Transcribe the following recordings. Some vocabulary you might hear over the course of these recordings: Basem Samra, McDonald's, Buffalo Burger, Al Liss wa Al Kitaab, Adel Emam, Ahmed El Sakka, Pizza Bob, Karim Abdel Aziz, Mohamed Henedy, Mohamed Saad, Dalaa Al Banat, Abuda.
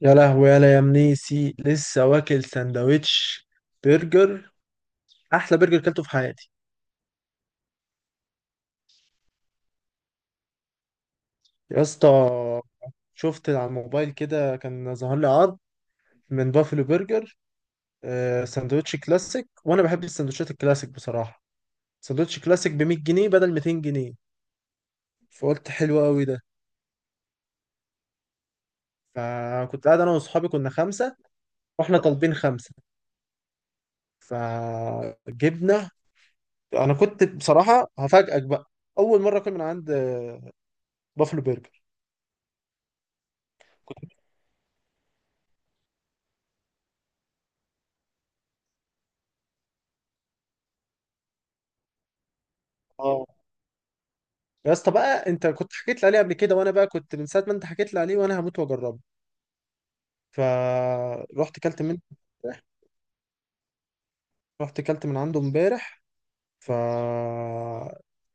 يا لهوي، يا منيسي لسه واكل سندوتش برجر. احلى برجر كلته في حياتي. يا اسطى، شفت على الموبايل كده كان ظهر لي عرض من بافلو برجر. سندوتش كلاسيك وانا بحب السندوتشات الكلاسيك بصراحه. سندوتش كلاسيك ب 100 جنيه بدل 200 جنيه. فقلت حلو قوي ده. فكنت قاعد انا واصحابي كنا خمسه واحنا طالبين خمسه فجبنا. انا كنت بصراحه هفاجئك بقى، اول مره اكل من عند بافلو برجر. يا اسطى بقى، انت كنت حكيت لي عليه قبل كده، وانا بقى كنت من ساعه ما انت حكيت لي عليه وانا هموت واجربه. فروحت كلت من رحت كلت من عنده امبارح. ف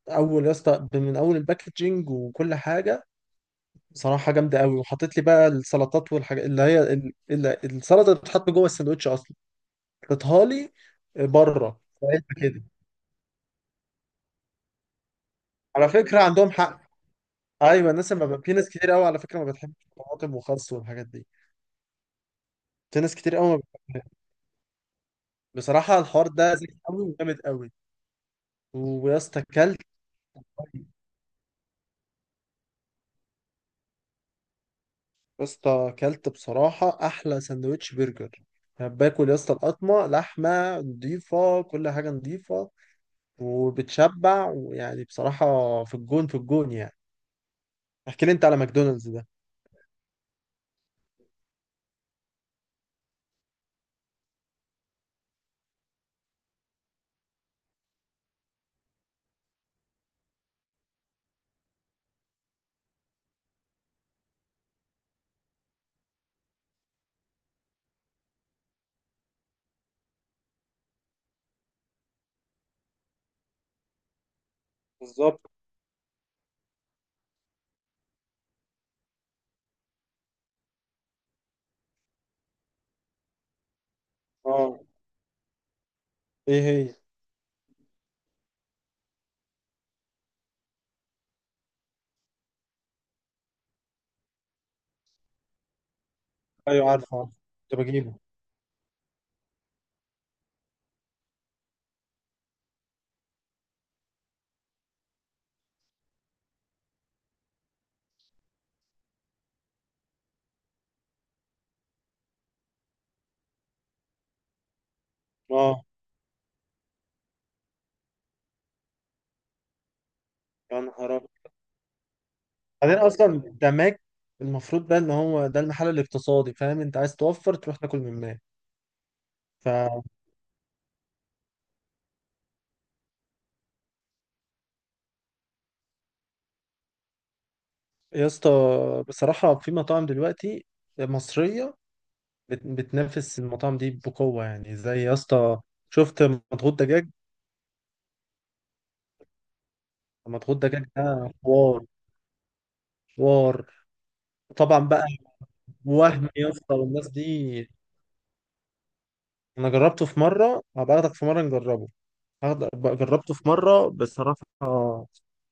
اول يا اسطى من اول الباكجينج وكل حاجه بصراحه جامده قوي. وحطيت لي بقى السلطات والحاجات اللي هي السلطه اللي بتتحط جوه السندوتش اصلا، حطيتها لي بره في علبة كده. على فكره عندهم حق. ايوه، الناس ما ب... في ناس كتير قوي على فكره ما بتحبش الطماطم وخس والحاجات دي. في ناس كتير قوي ما بتحبش. بصراحة الحوار ده ذكي قوي وجامد قوي. ويا اسطى كلت، يا اسطى كلت بصراحة أحلى سندوتش برجر. أنا باكل يا اسطى القطمة، لحمة نضيفة، كل حاجة نضيفة وبتشبع ويعني بصراحة في الجون، في الجون يعني. احكي لي أنت على ماكدونالدز ده. بالظبط. اه. ايه هي؟ ايوه، عارفه، عارفه. كنت بجيبه. اه. يا نهار أبيض. بعدين أصلا ده ماك، المفروض بقى إن هو ده المحل الاقتصادي، فاهم؟ أنت عايز توفر تروح تاكل من ماك. ف يا اسطى، بصراحة في مطاعم دلوقتي مصرية بتنافس المطاعم دي بقوة يعني. زي يا اسطى، شفت مضغوط دجاج؟ مضغوط دجاج ده حوار، حوار. طبعا بقى، وهم يا اسطى والناس دي. انا جربته في مرة، هبقى اخدك في مرة نجربه. هاخد- جربته في مرة بصراحة،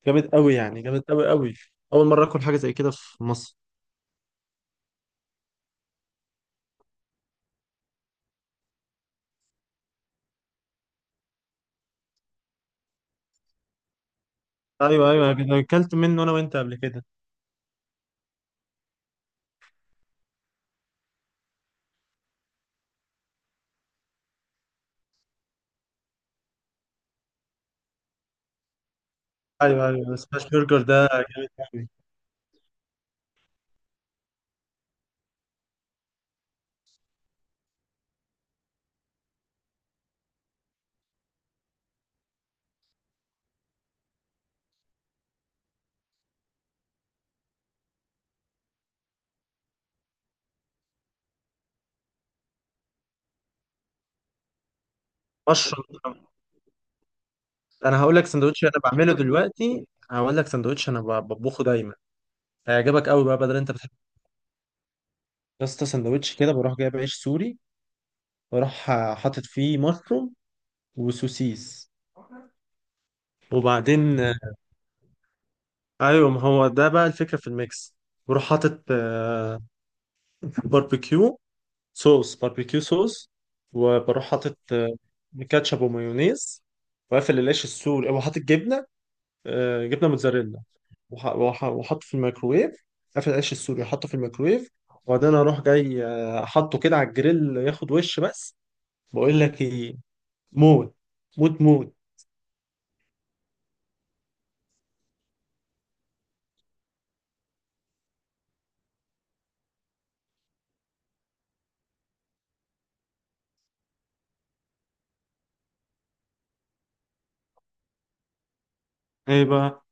جامد قوي يعني، جامد قوي قوي. اول مرة اكل حاجة زي كده في مصر. ايوه، ايوه، انا اكلت منه انا وانت قبل كده. ايوه، ايوه، سماش برجر ده جامد قوي. مشروم. انا هقول لك سندوتش انا بعمله دلوقتي، هقول لك سندوتش انا بطبخه دايما، هيعجبك قوي بقى بدل انت بتحب. يا اسطى، سندوتش كده بروح جايب عيش سوري، بروح حاطط فيه مشروم وسوسيس. وبعدين ايوه ما هو ده بقى الفكره في الميكس. بروح حاطط باربيكيو، صوص باربيكيو صوص. وبروح حاطط كاتشب ومايونيز وقافل العيش السوري وحاطط جبنه، جبنه موتزاريلا. وحطه في الميكروويف. قفل العيش السوري حطه في الميكروويف. وبعدين اروح جاي حطه كده على الجريل ياخد وش بس. بقول لك ايه. موت. موت، موت. ايه بقى؟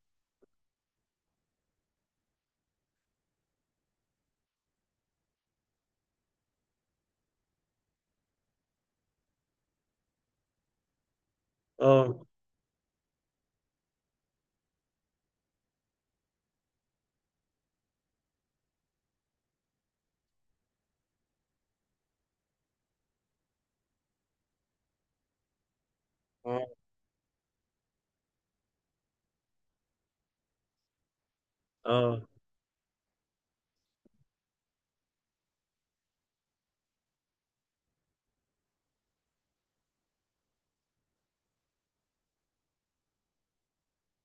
اه، اه، اه.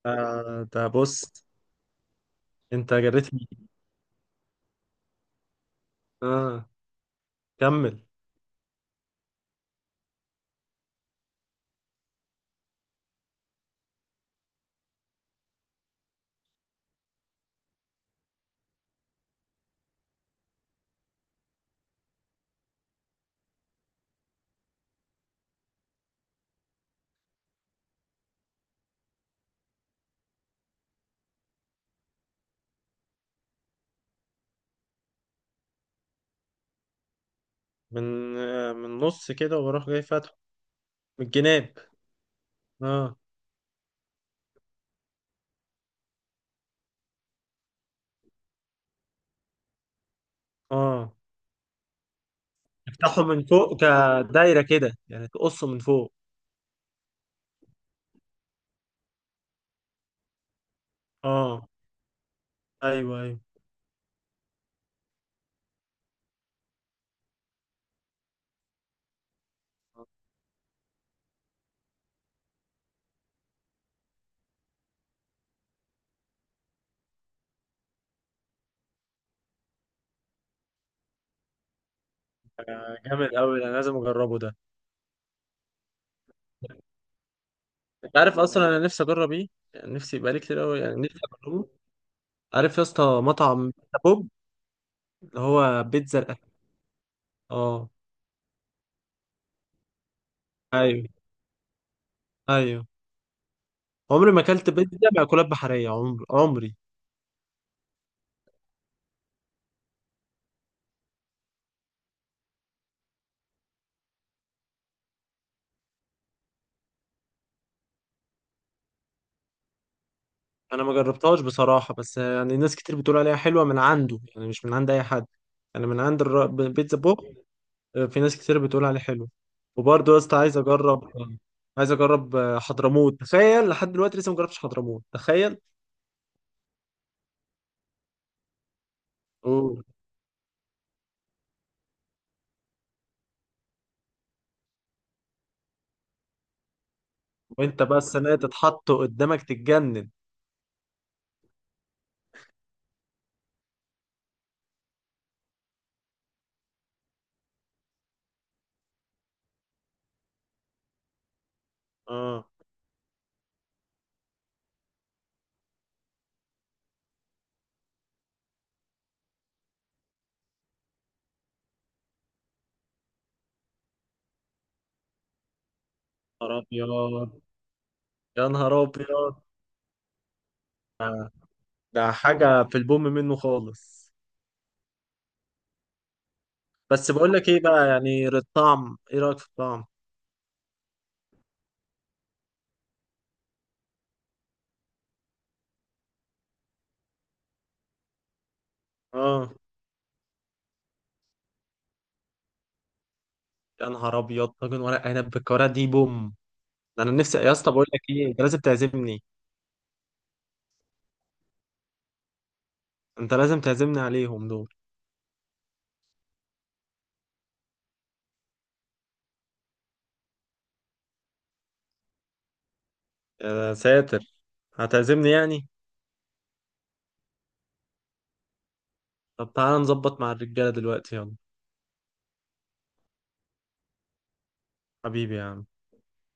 ده بص. انت جريتني. اه. كمل. من نص كده واروح جاي فاتحه من الجناب. اه. اه. افتحه من فوق، كدايره كده يعني تقصه من فوق. اه. ايوه، ايوه. جامد قوي، انا لازم اجربه ده. انت عارف اصلا انا نفسي اجرب ايه؟ يعني نفسي بقالي كتير قوي، يعني نفسي اجربه. عارف يا اسطى مطعم بيتزا بوب؟ اللي هو بيتزا الاهلي. اه. ايوه. ايوه. عمري ما اكلت بيتزا مأكولات بحريه، عمر عمري. انا ما جربتهاش بصراحه، بس يعني ناس كتير بتقول عليها حلوه من عنده، يعني مش من عند اي حد. يعني من عند بيتزا بوب. في ناس كتير بتقول عليه حلو. وبرضه يا اسطى عايز اجرب. عايز اجرب حضرموت، تخيل. لحد دلوقتي لسه ما جربتش حضرموت، تخيل. وانت بقى السنه دي تتحطه قدامك تتجنن. اه. نهار ابيض. يا نهار ابيض. ده حاجه في البوم منه خالص. بس بقول لك ايه بقى، يعني الطعم، ايه رايك في الطعم؟ اه، يا نهار ابيض، طاجن ورق عنب بالكوارع دي بوم. ده انا نفسي يا اسطى. بقول لك ايه، انت لازم تعزمني، انت لازم تعزمني عليهم دول. يا ساتر، هتعزمني يعني؟ طب تعالى نظبط مع الرجاله دلوقتي، يلا. حبيبي يا عم.